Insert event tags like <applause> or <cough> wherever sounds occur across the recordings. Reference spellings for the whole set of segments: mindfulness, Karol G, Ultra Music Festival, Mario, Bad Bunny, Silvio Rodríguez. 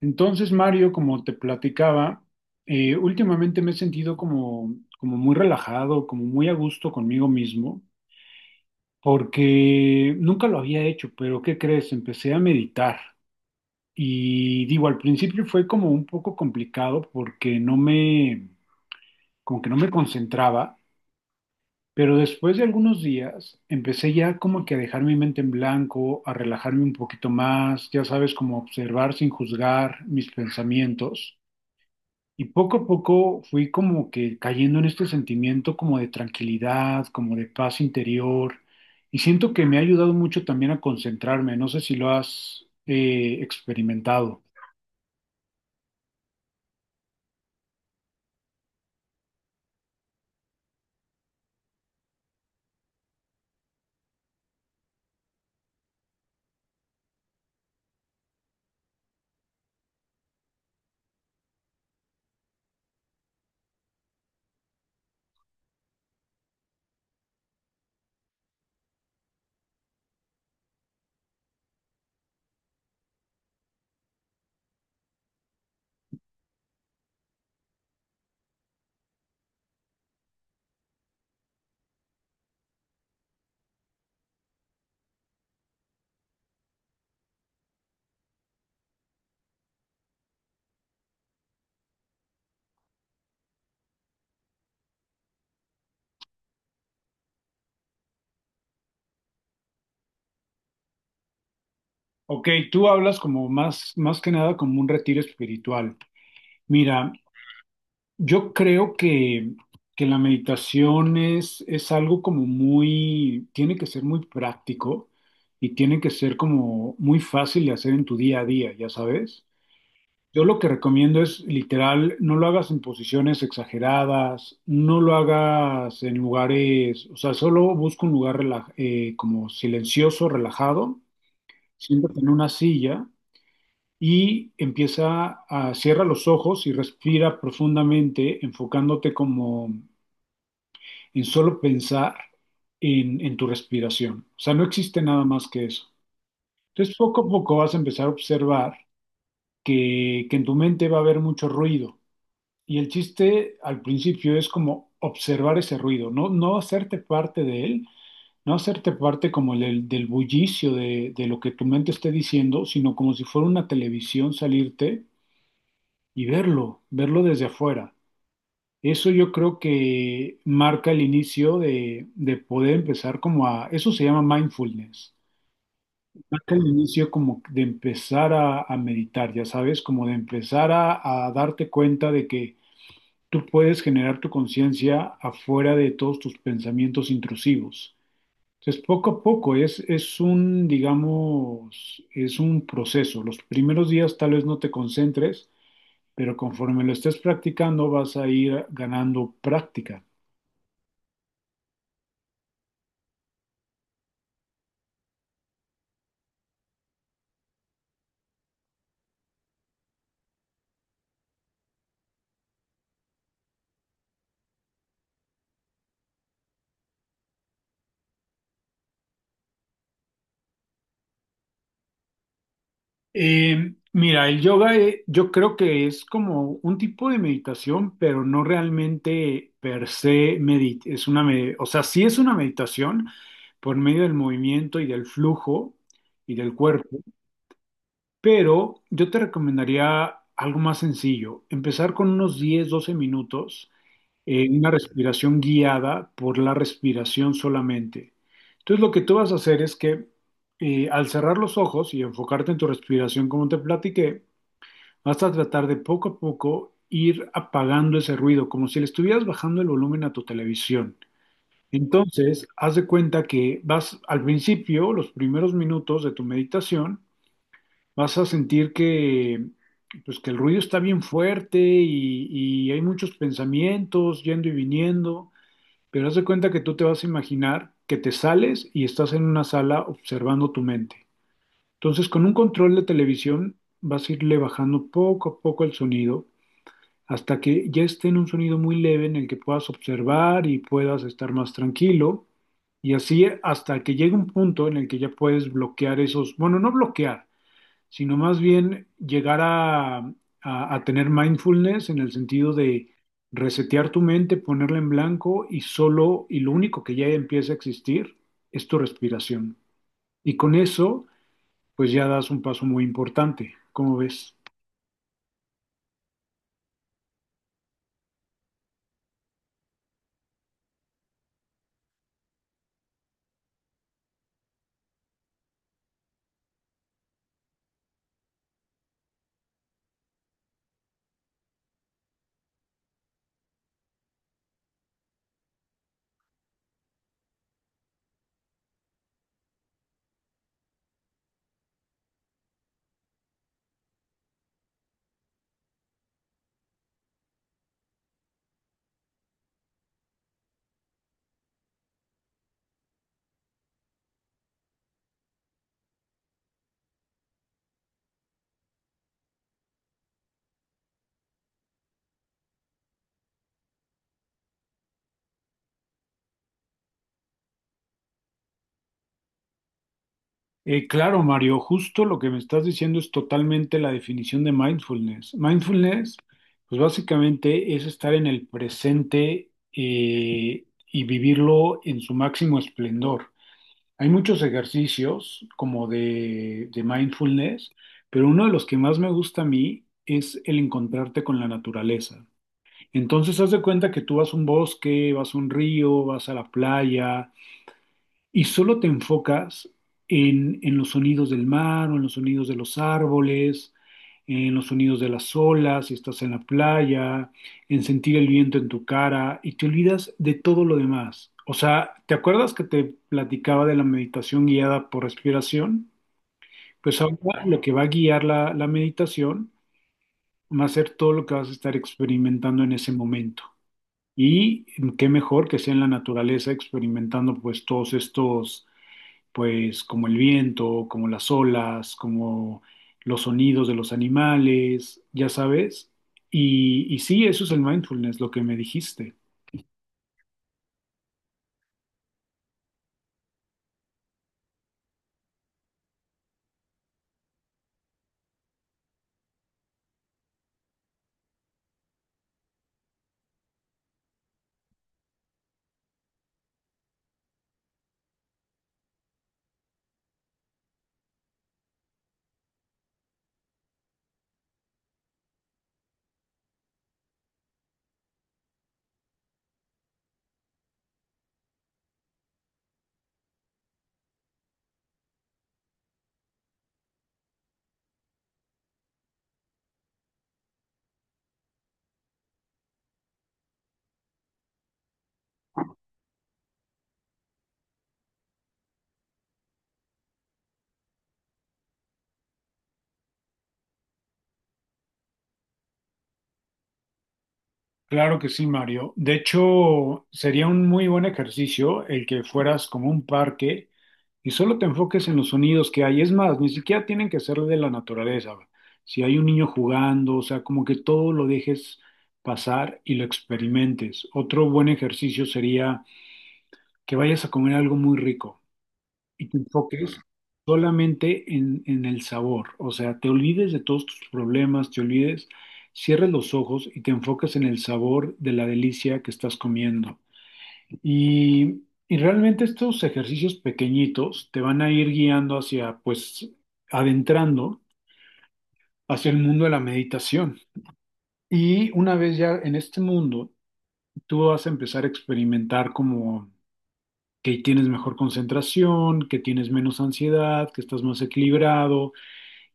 Entonces, Mario, como te platicaba, últimamente me he sentido como muy relajado, como muy a gusto conmigo mismo, porque nunca lo había hecho, pero ¿qué crees? Empecé a meditar y digo, al principio fue como un poco complicado porque no me, como que no me concentraba, pero después de algunos días empecé ya como que a dejar mi mente en blanco, a relajarme un poquito más, ya sabes, como observar sin juzgar mis pensamientos. Y poco a poco fui como que cayendo en este sentimiento como de tranquilidad, como de paz interior. Y siento que me ha ayudado mucho también a concentrarme. No sé si lo has experimentado. Ok, tú hablas como más, más que nada como un retiro espiritual. Mira, yo creo que la meditación es algo como muy, tiene que ser muy práctico y tiene que ser como muy fácil de hacer en tu día a día, ya sabes. Yo lo que recomiendo es literal, no lo hagas en posiciones exageradas, no lo hagas en lugares, o sea, solo busca un lugar como silencioso, relajado, siéntate en una silla y empieza a cierra los ojos y respira profundamente, enfocándote como en solo pensar en tu respiración. O sea, no existe nada más que eso. Entonces, poco a poco vas a empezar a observar que en tu mente va a haber mucho ruido. Y el chiste al principio es como observar ese ruido, no, no hacerte parte de él, no hacerte parte como del bullicio de lo que tu mente esté diciendo, sino como si fuera una televisión salirte y verlo, verlo desde afuera. Eso yo creo que marca el inicio de poder empezar como a, eso se llama mindfulness, marca el inicio como de empezar a meditar, ya sabes, como de empezar a darte cuenta de que tú puedes generar tu conciencia afuera de todos tus pensamientos intrusivos. Entonces, poco a poco es un, digamos, es un proceso. Los primeros días tal vez no te concentres, pero conforme lo estés practicando vas a ir ganando práctica. Mira, el yoga yo creo que es como un tipo de meditación, pero no realmente per se medit es una me- o sea, sí es una meditación por medio del movimiento y del flujo y del cuerpo, pero yo te recomendaría algo más sencillo, empezar con unos 10 12 minutos, una respiración guiada por la respiración solamente. Entonces lo que tú vas a hacer es que al cerrar los ojos y enfocarte en tu respiración, como te platiqué, vas a tratar de poco a poco ir apagando ese ruido, como si le estuvieras bajando el volumen a tu televisión. Entonces, haz de cuenta que vas al principio, los primeros minutos de tu meditación, vas a sentir que, pues, que el ruido está bien fuerte y hay muchos pensamientos yendo y viniendo, pero haz de cuenta que tú te vas a imaginar que te sales y estás en una sala observando tu mente. Entonces, con un control de televisión, vas a irle bajando poco a poco el sonido hasta que ya esté en un sonido muy leve en el que puedas observar y puedas estar más tranquilo. Y así hasta que llegue un punto en el que ya puedes bloquear esos, bueno, no bloquear, sino más bien llegar a tener mindfulness en el sentido de resetear tu mente, ponerla en blanco y solo, y lo único que ya empieza a existir es tu respiración. Y con eso, pues ya das un paso muy importante, ¿cómo ves? Claro, Mario, justo lo que me estás diciendo es totalmente la definición de mindfulness. Mindfulness, pues básicamente es estar en el presente y vivirlo en su máximo esplendor. Hay muchos ejercicios como de mindfulness, pero uno de los que más me gusta a mí es el encontrarte con la naturaleza. Entonces, haz de cuenta que tú vas a un bosque, vas a un río, vas a la playa y solo te enfocas en los sonidos del mar o en los sonidos de los árboles, en los sonidos de las olas, si estás en la playa, en sentir el viento en tu cara y te olvidas de todo lo demás. O sea, ¿te acuerdas que te platicaba de la meditación guiada por respiración? Pues ahora lo que va a guiar la meditación va a ser todo lo que vas a estar experimentando en ese momento. Y qué mejor que sea en la naturaleza experimentando pues todos estos pues como el viento, como las olas, como los sonidos de los animales, ya sabes. Y sí, eso es el mindfulness, lo que me dijiste. Claro que sí, Mario. De hecho, sería un muy buen ejercicio el que fueras como un parque y solo te enfoques en los sonidos que hay. Es más, ni siquiera tienen que ser de la naturaleza. Si hay un niño jugando, o sea, como que todo lo dejes pasar y lo experimentes. Otro buen ejercicio sería que vayas a comer algo muy rico y te enfoques solamente en el sabor. O sea, te olvides de todos tus problemas, te olvides, cierres los ojos y te enfocas en el sabor de la delicia que estás comiendo. Y realmente estos ejercicios pequeñitos te van a ir guiando hacia, pues, adentrando hacia el mundo de la meditación. Y una vez ya en este mundo, tú vas a empezar a experimentar como que tienes mejor concentración, que tienes menos ansiedad, que estás más equilibrado,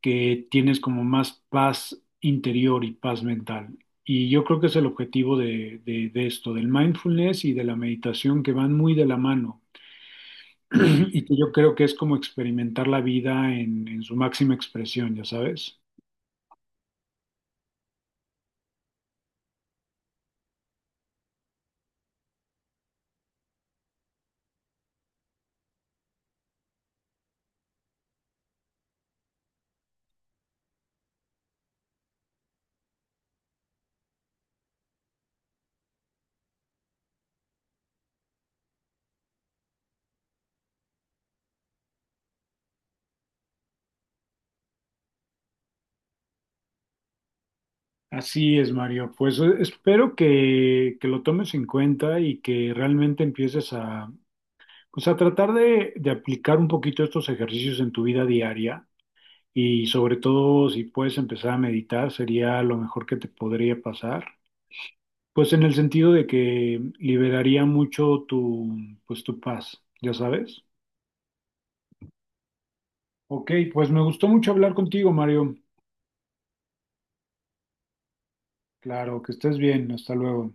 que tienes como más paz interior y paz mental. Y yo creo que es el objetivo de esto, del mindfulness y de la meditación que van muy de la mano. <clears throat> Y que yo creo que es como experimentar la vida en su máxima expresión, ya sabes. Así es, Mario. Pues espero que lo tomes en cuenta y que realmente empieces a, pues, a tratar de aplicar un poquito estos ejercicios en tu vida diaria. Y sobre todo, si puedes empezar a meditar, sería lo mejor que te podría pasar. Pues en el sentido de que liberaría mucho tu, pues tu paz, ya sabes. Ok, pues me gustó mucho hablar contigo, Mario. Claro, que estés bien. Hasta luego.